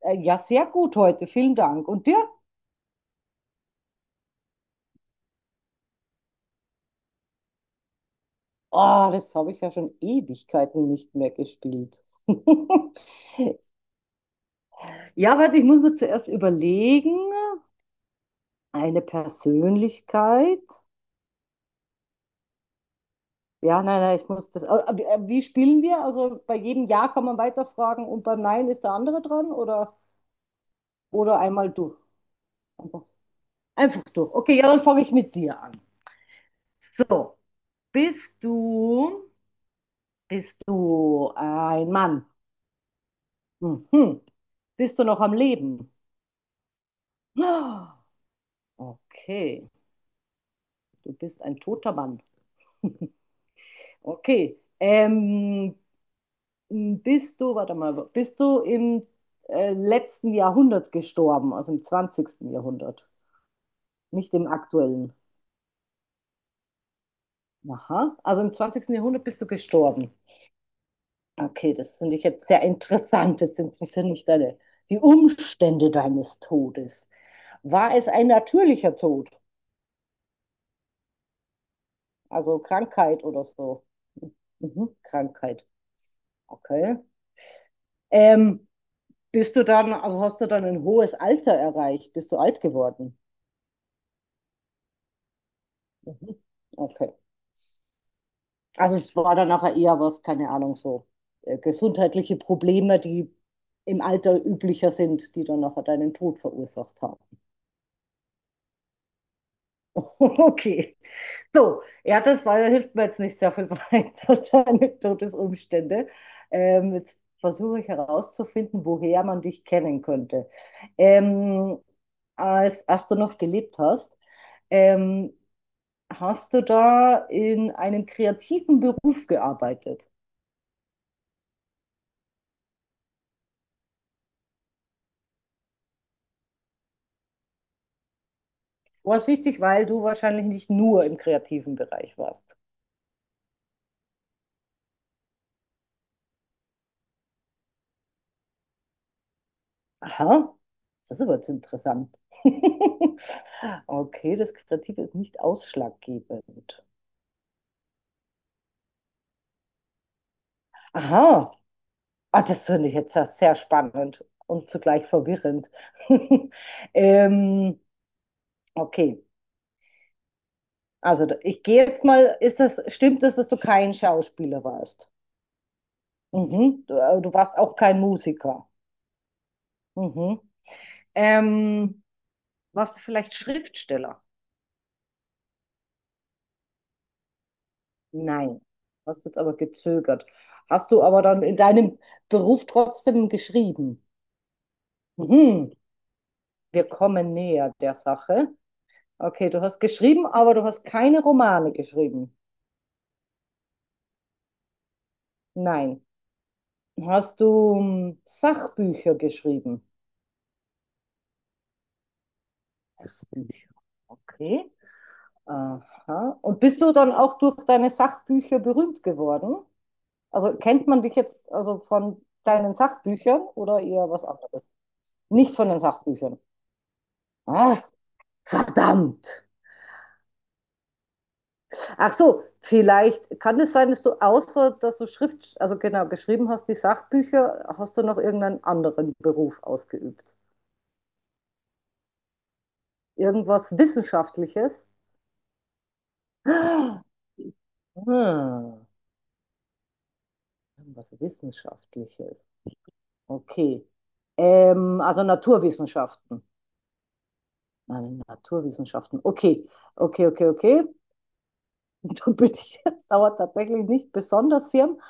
Ja, sehr gut heute. Vielen Dank. Und dir? Ah, das habe ich ja schon Ewigkeiten nicht mehr gespielt. Ja, warte, ich muss mir zuerst überlegen. Eine Persönlichkeit. Ja, nein, nein, ich muss das. Aber wie wie spielen wir? Also bei jedem Ja kann man weiterfragen und beim Nein ist der andere dran, oder einmal durch. Einfach, einfach durch. Okay, ja, dann fange ich mit dir an. So, bist du, bist du ein Mann? Mhm. Bist du noch am Leben? Ah, okay, du bist ein toter Mann. Okay, warte mal, bist du im letzten Jahrhundert gestorben, also im zwanzigsten Jahrhundert, nicht im aktuellen? Aha, also im zwanzigsten Jahrhundert bist du gestorben. Okay, das finde ich jetzt sehr interessant. Jetzt interessieren mich die Umstände deines Todes. War es ein natürlicher Tod, also Krankheit oder so? Mhm, Krankheit, okay. Ähm, Bist du dann, also hast du dann ein hohes Alter erreicht? Bist du alt geworden? Mhm. Okay. Also es war dann nachher eher was, keine Ahnung, so gesundheitliche Probleme, die im Alter üblicher sind, die dann nachher deinen Tod verursacht haben. Okay. So, ja, hilft mir jetzt nicht sehr viel weiter, deine Todesumstände. Jetzt versuche ich herauszufinden, woher man dich kennen könnte. Ähm, als du noch gelebt hast, ähm, hast du da in einem kreativen Beruf gearbeitet? Was wichtig, weil du wahrscheinlich nicht nur im kreativen Bereich warst. Aha, das ist aber jetzt interessant. Okay, das Kreative ist nicht ausschlaggebend. Aha, ah, das finde ich jetzt ja sehr spannend und zugleich verwirrend. Ähm, okay, also ich gehe jetzt mal, stimmt es, dass du kein Schauspieler warst? Mhm. Du, du warst auch kein Musiker. Mhm. Ähm, warst du vielleicht Schriftsteller? Nein. Hast jetzt aber gezögert. Hast du aber dann in deinem Beruf trotzdem geschrieben? Mhm. Wir kommen näher der Sache. Okay, du hast geschrieben, aber du hast keine Romane geschrieben. Nein. Hast du hm, Sachbücher geschrieben? Sachbücher. Okay. Aha. Und bist du dann auch durch deine Sachbücher berühmt geworden? Also kennt man dich jetzt also von deinen Sachbüchern oder eher was anderes? Nicht von den Sachbüchern. Ah, verdammt. Ach so, vielleicht kann es sein, dass du außer dass du also genau, geschrieben hast, die Sachbücher, hast du noch irgendeinen anderen Beruf ausgeübt? Irgendwas Wissenschaftliches? Ah, hm, was Wissenschaftliches. Okay. Also Naturwissenschaften. Nein, Naturwissenschaften. Okay, okay, okay, okay. Und dann bin ich, das dauert tatsächlich nicht besonders firm.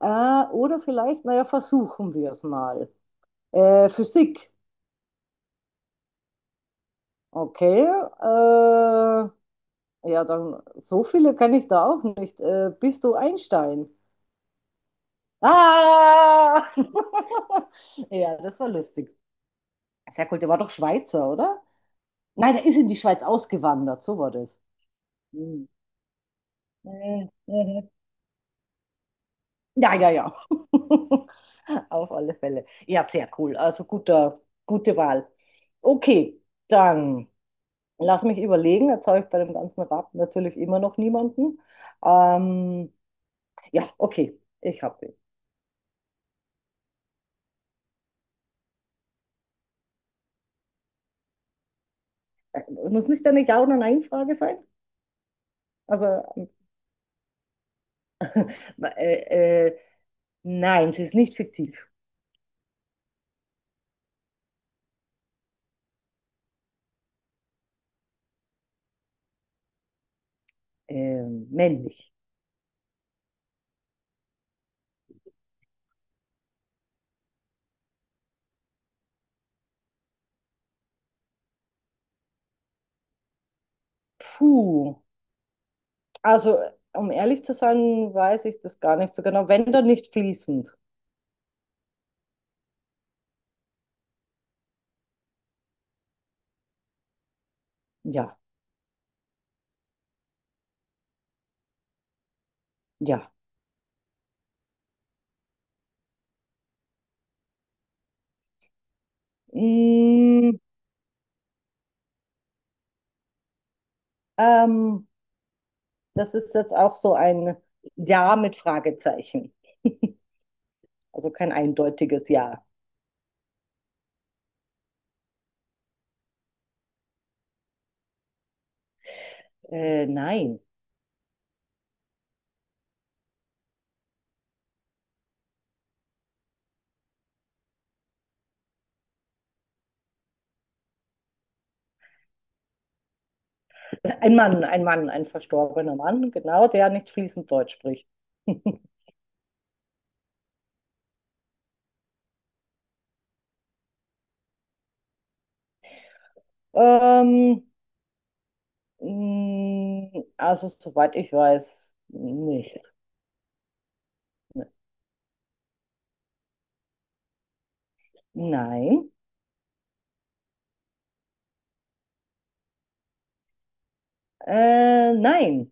Äh, oder vielleicht, naja, versuchen wir es mal. Physik, okay. Ja, dann so viele kann ich da auch nicht. Bist du Einstein? Ah! Ja, das war lustig. Sehr cool. Der war doch Schweizer, oder? Nein, der ist in die Schweiz ausgewandert. So war das. Mhm. Ja, ja, ja. Auf alle Fälle. Ja, sehr cool. Also gute Wahl. Okay, dann lass mich überlegen. Jetzt habe ich bei dem ganzen Rat natürlich immer noch niemanden. Ähm, ja, okay, ich habe. Muss nicht eine Ja- oder Nein-Frage sein? Also, äh, äh, nein, sie ist nicht fiktiv. Männlich. Puh. Also, um ehrlich zu sein, weiß ich das gar nicht so genau. Wenn dann nicht fließend. Ja, ja. Mm. Ähm, das ist jetzt auch so ein Ja mit Fragezeichen. Also kein eindeutiges Ja. Nein. Ein Mann, ein verstorbener Mann, genau, der nicht fließend Deutsch spricht. Ähm, mh, also, soweit ich weiß, nicht. Nein. Nein.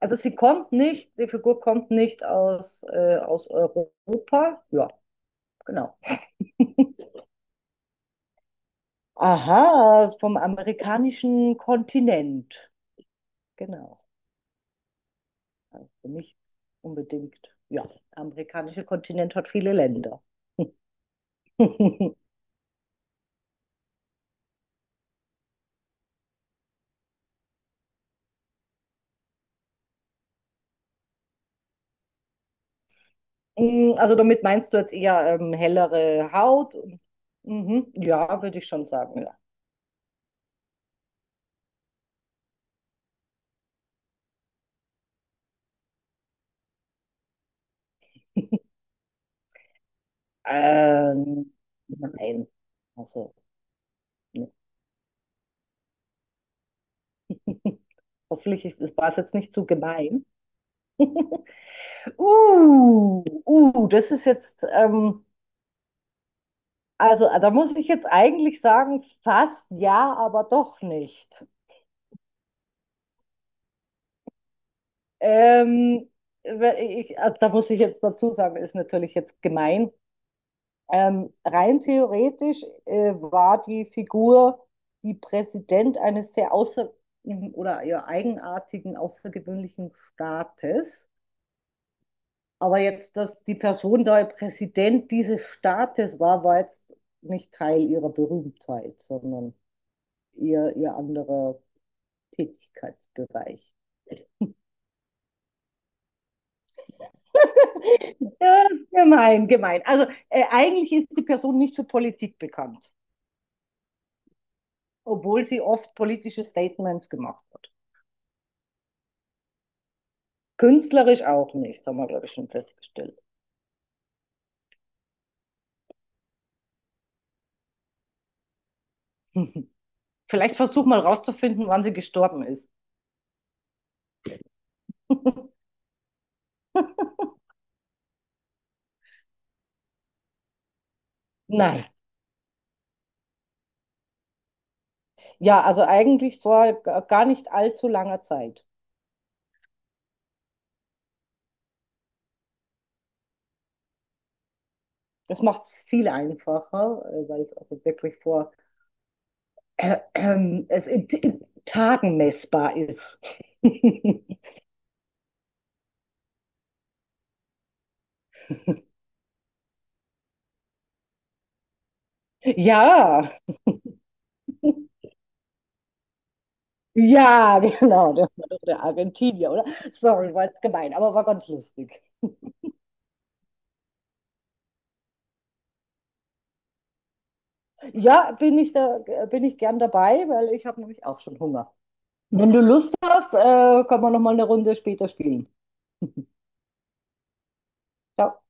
Also sie kommt nicht, die Figur kommt nicht aus, aus Europa. Ja, genau. Aha, vom amerikanischen Kontinent. Genau. Also nicht unbedingt. Ja, der amerikanische Kontinent hat viele Länder. Mm, also damit meinst du jetzt eher hellere Haut? Mhm. Ja, würde ich schon sagen, ja. Ähm, nein. Also, ne. Hoffentlich das war es jetzt nicht zu gemein. Das ist jetzt. Also, da muss ich jetzt eigentlich sagen, fast ja, aber doch nicht. Ähm, also, da muss ich jetzt dazu sagen, ist natürlich jetzt gemein. Rein theoretisch war die Figur, die Präsident eines sehr außer oder eher eigenartigen, außergewöhnlichen Staates. Aber jetzt, dass die Person da Präsident dieses Staates war, war jetzt nicht Teil ihrer Berühmtheit, sondern ihr anderer. Tätigkeitsbereich. Ja, gemein, gemein. Also eigentlich ist die Person nicht für Politik bekannt, obwohl sie oft politische Statements gemacht hat. Künstlerisch auch nicht, haben wir, glaube ich, schon festgestellt. Vielleicht versuch mal rauszufinden, wann sie gestorben ist. Nein. Ja, also eigentlich vor gar nicht allzu langer Zeit. Das macht es viel einfacher, weil es also wirklich vor es in Tagen messbar ist. Ja, ja, genau, der war doch der Argentinier, oder? Sorry, war jetzt gemein, aber war ganz lustig. Ja, bin ich gern dabei, weil ich habe nämlich auch schon Hunger. Wenn du Lust hast, kann man noch mal eine Runde später spielen. Ciao.